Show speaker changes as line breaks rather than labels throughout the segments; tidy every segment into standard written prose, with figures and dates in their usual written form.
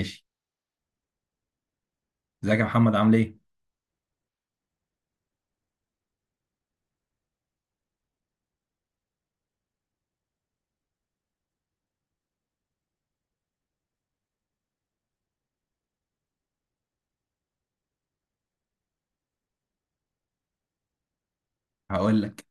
ماشي. ازيك يا محمد، عامل ايه؟ هقول لك.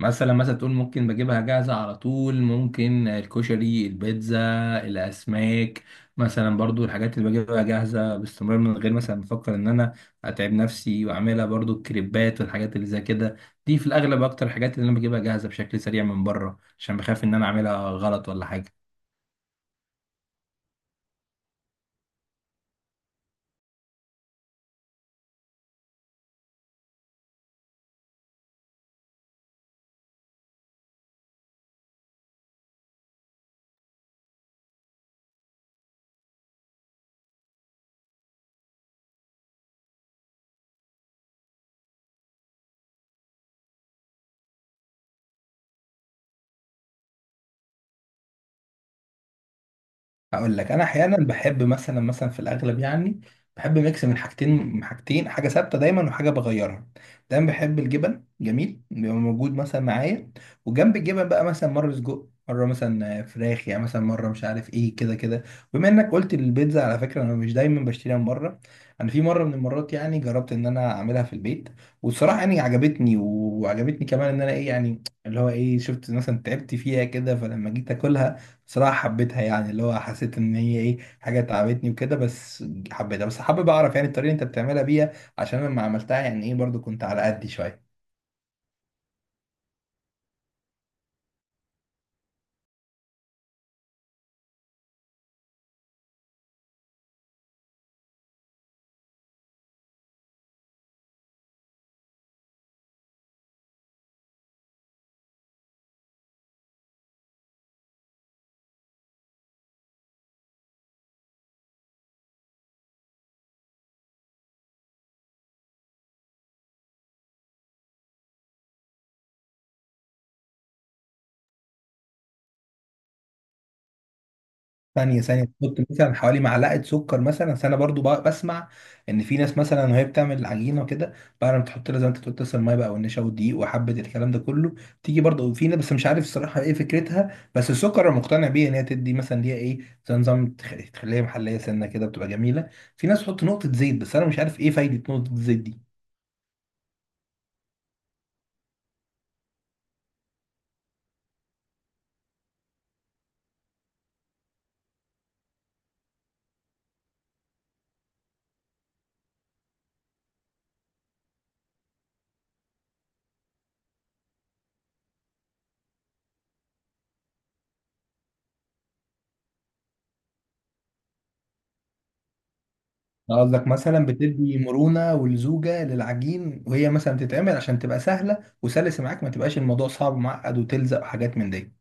مثلا تقول ممكن بجيبها جاهزه على طول، ممكن الكشري، البيتزا، الاسماك. مثلا برضو الحاجات اللي بجيبها جاهزه باستمرار من غير مثلا ما افكر ان انا اتعب نفسي واعملها، برضو الكريبات والحاجات اللي زي كده. دي في الاغلب اكتر الحاجات اللي انا بجيبها جاهزه بشكل سريع من بره، عشان بخاف ان انا اعملها غلط ولا حاجه. هقول لك. انا احيانا بحب، مثلا في الاغلب يعني بحب ميكس من حاجتين، حاجه ثابته دايما وحاجه بغيرها. دايما بحب الجبن، جميل بيبقى موجود مثلا معايا. وجنب الجبن بقى مثلا مره سجق، مره مثلا فراخ، يعني مثلا مره مش عارف ايه كده كده. بما انك قلت البيتزا، على فكره انا مش دايما بشتريها من بره. انا في مره من المرات يعني جربت ان انا اعملها في البيت. والصراحه يعني عجبتني وعجبتني كمان، ان انا ايه يعني اللي هو ايه، شفت مثلا تعبت فيها كده، فلما جيت اكلها بصراحة حبيتها، يعني اللي هو حسيت ان هي ايه، حاجة تعبتني وكده بس. حبيتها، بس حابب اعرف يعني الطريقة اللي انت بتعملها بيها، عشان لما عملتها يعني ايه برضو كنت على قدي شوية. ثانية ثانية، تحط مثلا حوالي معلقة سكر مثلا. أصل أنا برضو بسمع إن في ناس مثلا وهي بتعمل العجينة وكده، بعد ما تحط لها زي ما أنت تقول، تسلق المية بقى والنشا والدقيق وحبة الكلام ده كله. تيجي برضو في ناس، بس مش عارف الصراحة إيه فكرتها، بس السكر أنا مقتنع بيه، إن هي تدي مثلا ليها إيه زي نظام تخليها محلية سنة كده بتبقى جميلة. في ناس تحط نقطة زيت، بس أنا مش عارف إيه فايدة نقطة الزيت دي. أنا قصدك مثلا بتدي مرونة ولزوجة للعجين، وهي مثلا بتتعمل عشان تبقى سهلة وسلسة معاك، ما تبقاش الموضوع صعب ومعقد وتلزق وحاجات من دي.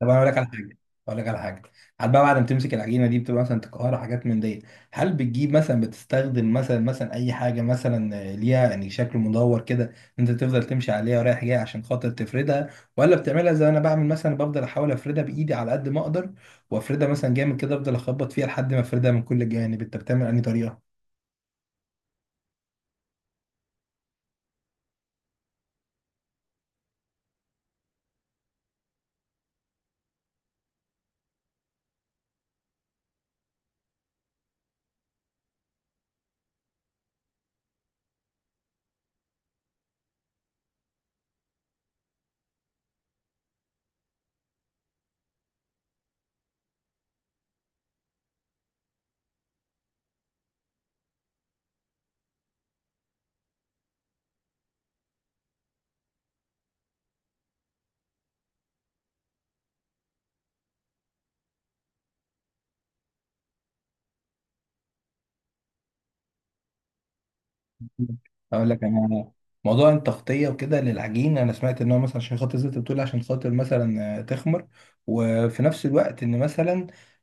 طب انا اقول لك على حاجه، اقول لك على حاجه. هل بقى بعد ما تمسك العجينه دي، بتبقى مثلا تكهرها حاجات من دي؟ هل بتجيب مثلا بتستخدم مثلا اي حاجه مثلا ليها يعني شكل مدور كده، انت تفضل تمشي عليها ورايح جاي عشان خاطر تفردها؟ ولا بتعملها زي انا بعمل مثلا، بفضل احاول افردها بايدي على قد ما اقدر، وافردها مثلا جامد كده، افضل اخبط فيها لحد ما افردها من كل الجوانب. انت بتعمل انهي طريقه؟ اقول لك انا. موضوع التغطيه وكده للعجين، انا سمعت ان هو مثلا عشان خاطر زي ما انت بتقول، عشان خاطر مثلا تخمر. وفي نفس الوقت ان مثلا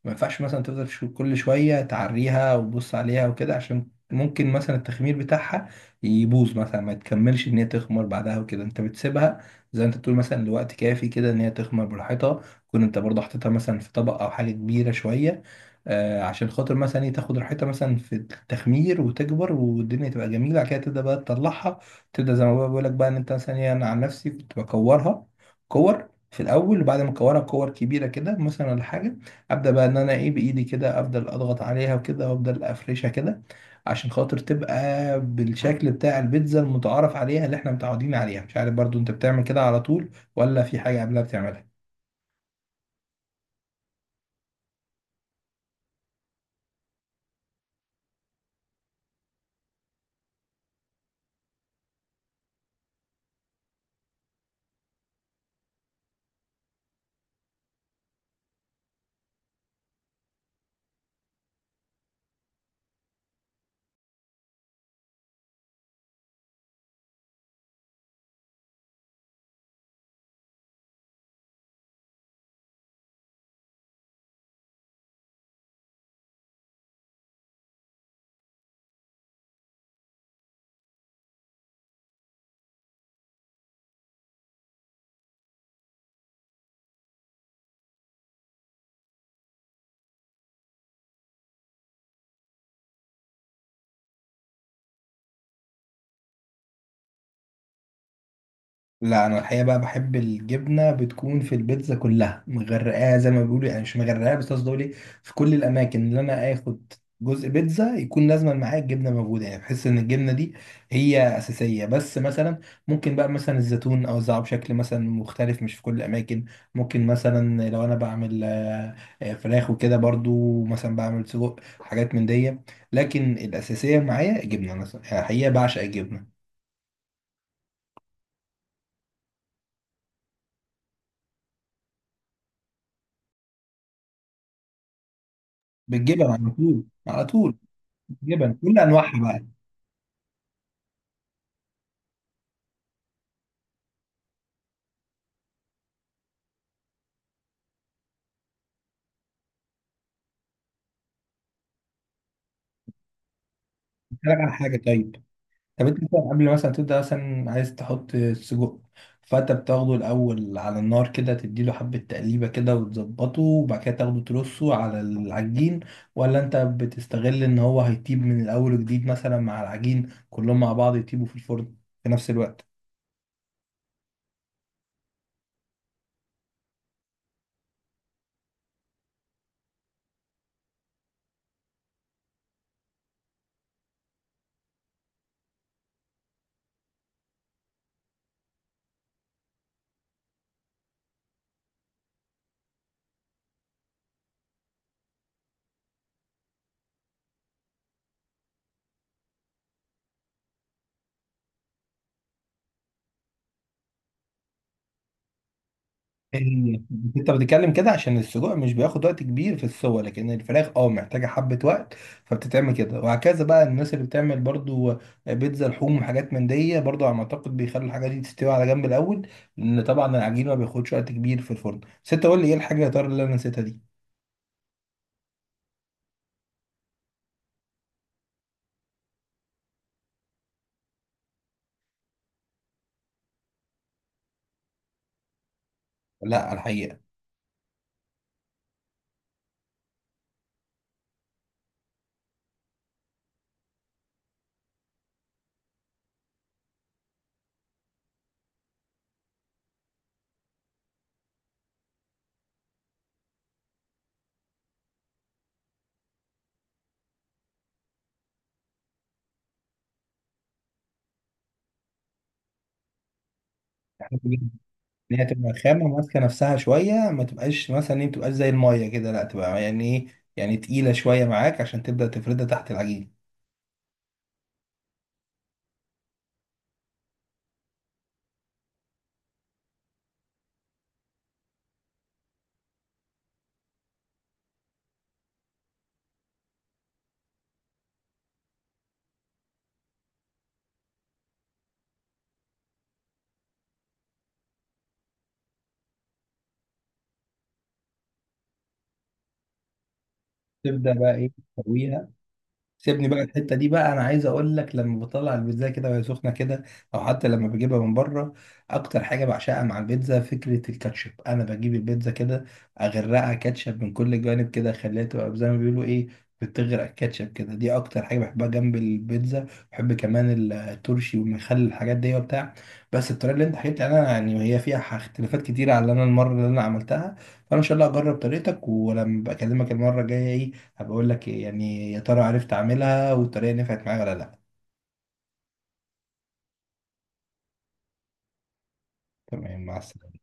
ما ينفعش مثلا تفضل كل شويه تعريها وتبص عليها وكده، عشان ممكن مثلا التخمير بتاعها يبوظ، مثلا ما تكملش ان هي تخمر بعدها وكده. انت بتسيبها زي ما انت بتقول مثلا لوقت كافي كده، ان هي تخمر براحتها، كون انت برضه حطيتها مثلا في طبق او حاجه كبيره شويه، عشان خاطر مثلا ايه تاخد راحتها مثلا في التخمير وتكبر والدنيا تبقى جميله. بعد كده تبدا بقى تطلعها، تبدا زي ما بقى بقول لك بقى ان انت مثلا ايه، انا عن نفسي كنت بكورها، كور في الاول، وبعد ما اكورها كور كبيره كده مثلا ولا حاجه، ابدا بقى ان انا ايه بايدي كده، افضل اضغط عليها وكده وافضل افرشها كده، عشان خاطر تبقى بالشكل بتاع البيتزا المتعارف عليها اللي احنا متعودين عليها. مش عارف برضو انت بتعمل كده على طول، ولا في حاجه قبلها بتعملها؟ لا، انا الحقيقه بقى بحب الجبنه بتكون في البيتزا كلها مغرقاها زي ما بيقولوا، يعني مش مغرقاها، بس قصدي اقول في كل الاماكن اللي انا اخد جزء بيتزا يكون لازما معايا الجبنه موجوده، يعني بحس ان الجبنه دي هي اساسيه. بس مثلا ممكن بقى مثلا الزيتون اوزعه بشكل مثلا مختلف، مش في كل الاماكن. ممكن مثلا لو انا بعمل فراخ وكده، برضو مثلا بعمل سجق حاجات من دي. لكن الاساسيه معايا الجبنه مثلا، يعني الحقيقه بعشق الجبنه. بالجبن، على طول على طول. جبن كل انواعها بقى. بتتكلم على حاجه، طيب. طب انت مثلا قبل مثلا تبدا مثلا عايز تحط سجق، فانت بتاخده الاول على النار كده، تديله حبه تقليبه كده وتظبطه، وبعد كده تاخده ترصه على العجين؟ ولا انت بتستغل ان هو هيطيب من الاول وجديد مثلا، مع العجين كلهم مع بعض يطيبوا في الفرن في نفس الوقت؟ ال- انت بتتكلم كده عشان السجق مش بياخد وقت كبير في السوى، لكن الفراخ اه محتاجه حبه وقت، فبتتعمل كده وهكذا بقى. الناس اللي بتعمل برضو بيتزا لحوم وحاجات من دي، برضو على ما اعتقد بيخلوا الحاجات دي تستوي على جنب الاول، لان طبعا العجين ما بياخدش وقت كبير في الفرن. بس انت قول لي ايه الحاجه يا ترى اللي انا نسيتها دي؟ لا، الحقيقه. احنا بنجيب- ان هي تبقى خامه ماسكه نفسها شويه، ما تبقاش مثلا ايه، ما تبقاش زي الميه كده، لا تبقى يعني ايه، يعني تقيله شويه معاك عشان تبدا تفردها تحت العجين. تبدا بقى ايه؟ تسويها. سيبني بقى الحته دي بقى. انا عايز اقول لك، لما بطلع البيتزا كده وهي سخنه كده، او حتى لما بجيبها من بره، اكتر حاجه بعشقها مع البيتزا فكره الكاتشب. انا بجيب البيتزا كده، اغرقها كاتشب من كل الجوانب كده، اخليها تبقى زي ما بيقولوا ايه، بتغرق كاتشب كده. دي اكتر حاجه بحبها جنب البيتزا. بحب كمان الترشي والمخلل، الحاجات دي وبتاع. بس الطريقه اللي انت حكيت عنها يعني هي فيها اختلافات كتيره على اللي انا المره اللي انا عملتها، فانا ان شاء الله اجرب طريقتك، ولما بكلمك المره الجايه ايه، هبقول لك يعني يا ترى عرفت اعملها والطريقه نفعت معايا ولا لا. تمام، مع السلامه.